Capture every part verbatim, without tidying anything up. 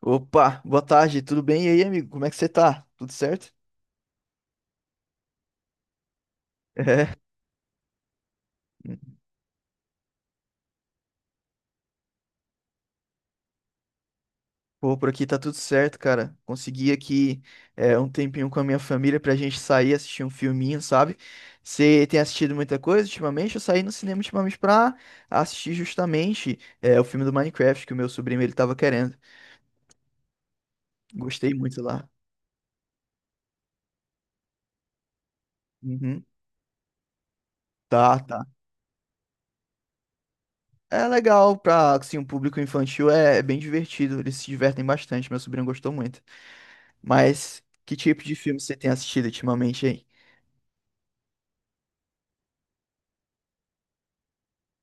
Opa, boa tarde, tudo bem? E aí, amigo, como é que você tá? Tudo certo? É, Pô, por aqui tá tudo certo, cara. Consegui aqui é, um tempinho com a minha família pra gente sair, assistir um filminho, sabe? Você tem assistido muita coisa ultimamente? Eu saí no cinema ultimamente pra assistir justamente é, o filme do Minecraft que o meu sobrinho ele tava querendo. Gostei muito lá. Uhum. Tá, tá. É legal pra, assim, um público infantil, é, é bem divertido, eles se divertem bastante, meu sobrinho gostou muito. Mas que tipo de filme você tem assistido ultimamente aí?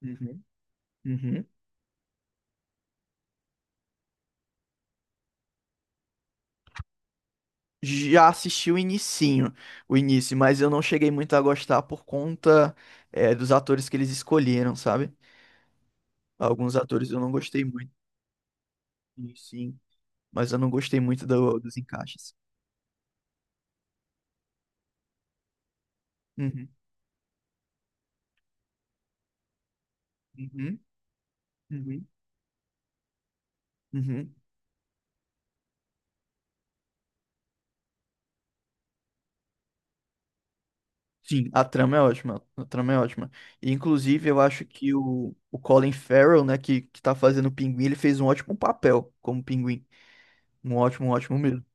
Uhum, uhum. Já assisti o inicinho, o início, mas eu não cheguei muito a gostar por conta, é, dos atores que eles escolheram, sabe? Alguns atores eu não gostei muito, sim, sim, mas eu não gostei muito do- dos encaixes. Uhum, uhum, uhum, uhum. Sim, a trama é ótima, a trama é ótima. E, inclusive, eu acho que o, o Colin Farrell, né, que, que tá fazendo o Pinguim, ele fez um ótimo papel como Pinguim. Um ótimo, um ótimo mesmo.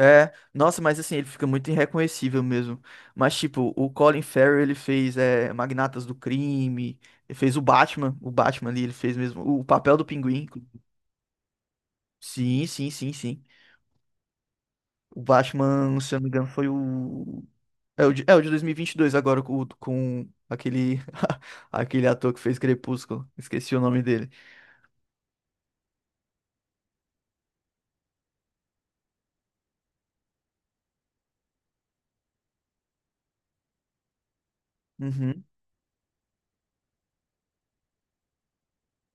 É, nossa, mas assim, ele fica muito irreconhecível mesmo. Mas, tipo, o Colin Farrell, ele fez é, Magnatas do Crime, ele fez o Batman, o Batman ali, ele fez mesmo o papel do Pinguim. Sim, sim, sim, sim. O Batman, se eu não me engano, foi o... É o de, é o de dois mil e vinte e dois agora, com, o- com aquele, aquele ator que fez Crepúsculo. Esqueci o nome dele. Uhum.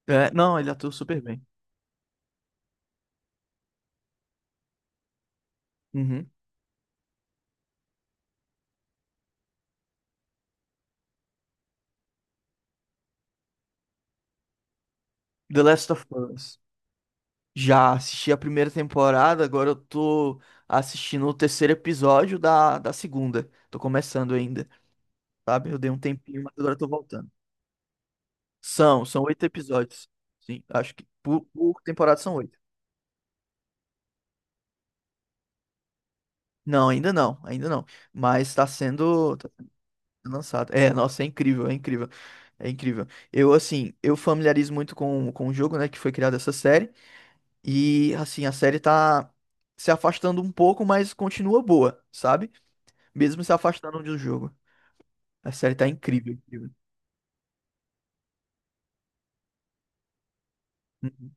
É, não, ele atua super bem. Uhum. The Last of Us. Já assisti a primeira temporada, agora eu tô assistindo o terceiro episódio da, da segunda. Tô começando ainda, sabe? Eu dei um tempinho, mas agora eu tô voltando. São, são oito episódios. Sim, acho que por, por temporada são oito. Não, ainda não, ainda não. Mas tá sendo, tá sendo lançado. É, nossa, é incrível, é incrível. É incrível. Eu, assim, eu familiarizo muito com, com o jogo, né, que foi criada essa série. E, assim, a série tá se afastando um pouco, mas continua boa, sabe? Mesmo se afastando do jogo. A série tá incrível, incrível. Uhum.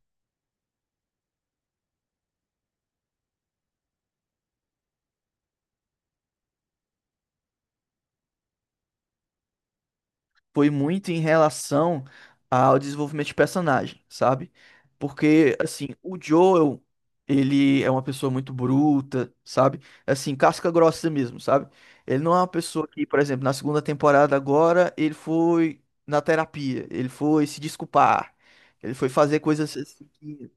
Foi muito em relação ao desenvolvimento de personagem, sabe? Porque, assim, o Joel, ele é uma pessoa muito bruta, sabe? Assim, casca grossa mesmo, sabe? Ele não é uma pessoa que, por exemplo, na segunda temporada agora, ele foi na terapia, ele foi se desculpar, ele foi fazer coisas assim que...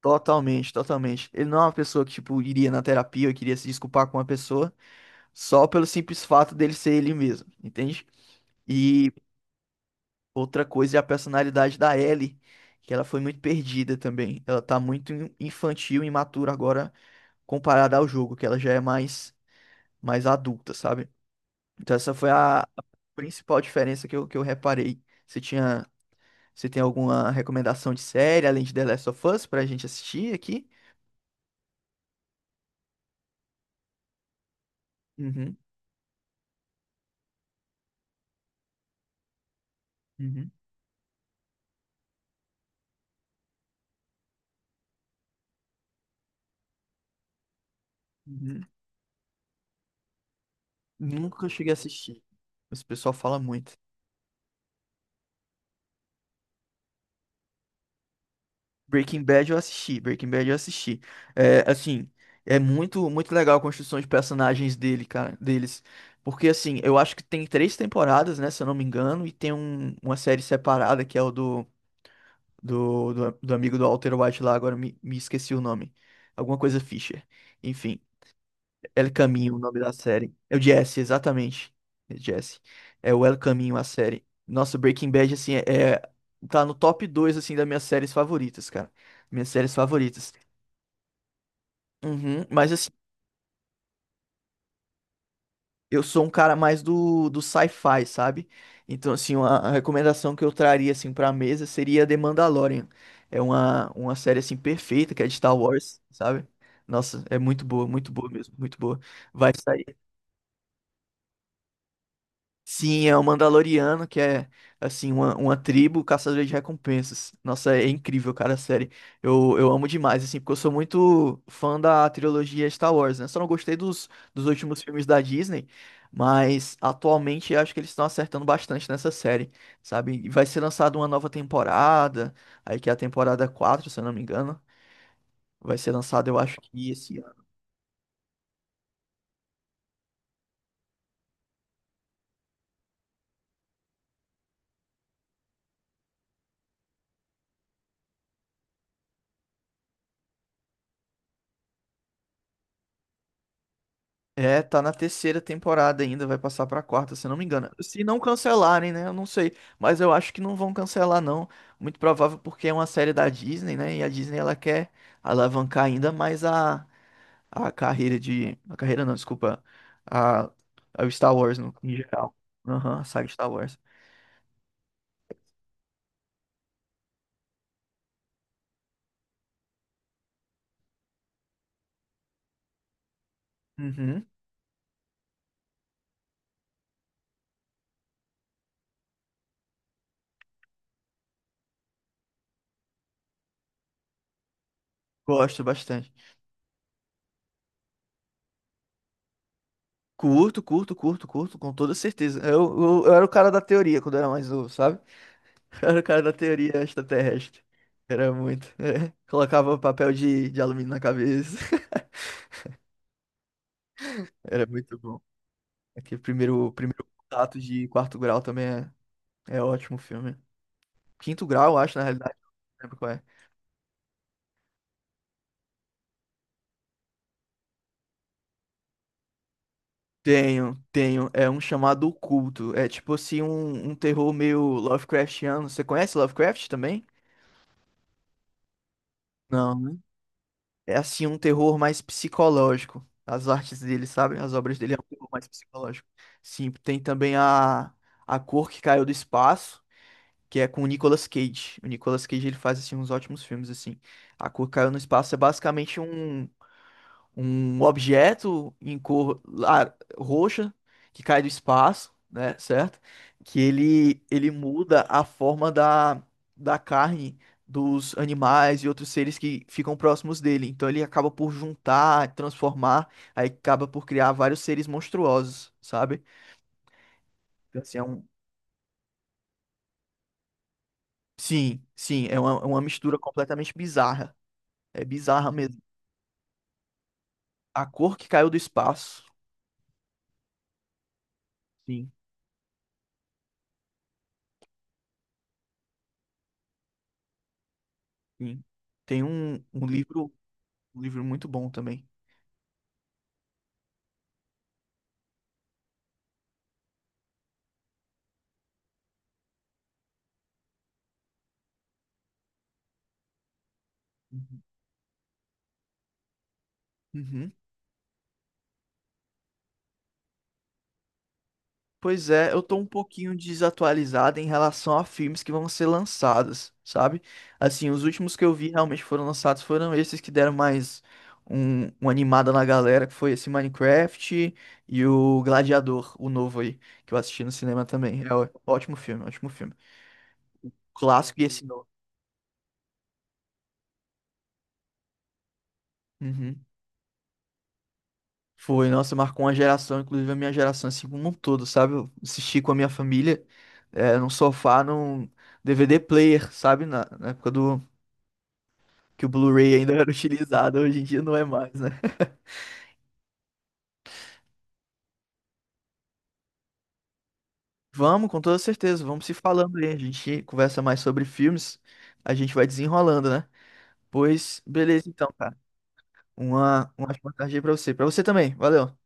Totalmente, totalmente. Ele não é uma pessoa que, tipo, iria na terapia ou queria se desculpar com uma pessoa. Só pelo simples fato dele ser ele mesmo, entende? E outra coisa é a personalidade da Ellie, que ela foi muito perdida também. Ela tá muito in- infantil e imatura agora comparada ao jogo, que ela já é mais mais adulta, sabe? Então essa foi a a principal diferença que eu, que eu reparei. Você tinha Você tem alguma recomendação de série além de The Last of Us pra gente assistir aqui? Uhum, uhum, uhum. Nunca cheguei a assistir, mas o pessoal fala muito. Breaking Bad eu assisti, Breaking Bad eu assisti. É, assim, é muito muito legal a construção de personagens dele, cara, deles. Porque assim, eu acho que tem três temporadas, né, se eu não me engano, e tem um- uma série separada que é o do, do, do, do amigo do Walter White lá, agora eu me, me esqueci o nome. Alguma coisa Fisher. Enfim. El Caminho, o nome da série. É o Jesse, exatamente. É Jesse. É o El Caminho, a série. Nossa, Breaking Bad, assim, é, é- tá no top dois assim, das minhas séries favoritas, cara. Minhas séries favoritas. Uhum, mas, assim, eu sou um cara mais do, do sci-fi, sabe? Então, assim, uma, a recomendação que eu traria, assim, pra mesa seria The Mandalorian. É uma, uma série, assim, perfeita, que é de Star Wars, sabe? Nossa, é muito boa, muito boa mesmo, muito boa. Vai sair. Sim, é o Mandaloriano, que é, assim, uma, uma tribo caçadora de recompensas. Nossa, é incrível, cara, a série. Eu, eu amo demais, assim, porque eu sou muito fã da trilogia Star Wars, né? Só não gostei dos, dos últimos filmes da Disney, mas atualmente eu acho que eles estão acertando bastante nessa série, sabe? E vai ser lançada uma nova temporada, aí que é a temporada quatro se eu não me engano. Vai ser lançada, eu acho que esse é, tá na terceira temporada ainda, vai passar pra quarta, se não me engano. Se não cancelarem, né? Eu não sei, mas eu acho que não vão cancelar não. Muito provável porque é uma série da Disney, né? E a Disney ela quer alavancar ainda mais a, a carreira de, a carreira não, desculpa, a, a o Star Wars no em geral. Aham, a saga Star Wars. Uhum, gosto bastante. Curto, curto, curto, curto, com toda certeza. Eu, eu, eu era o cara da teoria quando eu era mais novo, sabe? Era o cara da teoria extraterrestre. Era muito. É. Colocava papel de, de alumínio na cabeça. Era muito bom. Aqui primeiro, o primeiro contato de quarto grau também é, é ótimo filme. Quinto grau, eu acho, na realidade. Não lembro qual é. Tenho, tenho. É um chamado Oculto. É tipo assim, um, um terror meio Lovecraftiano. Você conhece Lovecraft também? Não. É assim um terror mais psicológico. As artes dele, sabe? As obras dele é um terror mais psicológico. Sim, tem também a A Cor que Caiu do Espaço, que é com o Nicolas Cage. O Nicolas Cage ele faz assim uns ótimos filmes assim. A Cor que Caiu no Espaço é basicamente um um objeto em cor lar- roxa que cai do espaço, né, certo? Que ele ele muda a forma da, da carne dos animais e outros seres que ficam próximos dele. Então ele acaba por juntar, transformar, aí acaba por criar vários seres monstruosos, sabe? Então, assim, é um... Sim, sim, é uma, é uma mistura completamente bizarra. É bizarra mesmo. A cor que caiu do espaço. Sim, sim. Tem um, um livro, um livro muito bom também. Uhum. Pois é, eu tô um pouquinho desatualizado em relação a filmes que vão ser lançados, sabe? Assim, os últimos que eu vi realmente foram lançados foram esses que deram mais um, uma animada na galera, que foi esse Minecraft e o Gladiador, o novo aí, que eu assisti no cinema também. É ó- ótimo filme, ótimo filme. Clássico e esse novo. Uhum. Foi, nossa, marcou uma geração, inclusive a minha geração, assim como um todo, sabe? Eu assisti com a minha família, é, num sofá, num D V D player, sabe? Na, na época do que o Blu-ray ainda era utilizado, hoje em dia não é mais, né? Vamos, com toda certeza, vamos se falando aí. A gente conversa mais sobre filmes, a gente vai desenrolando, né? Pois, beleza então, cara. Uma, uma ótima tarde aí pra você. Pra você também, valeu.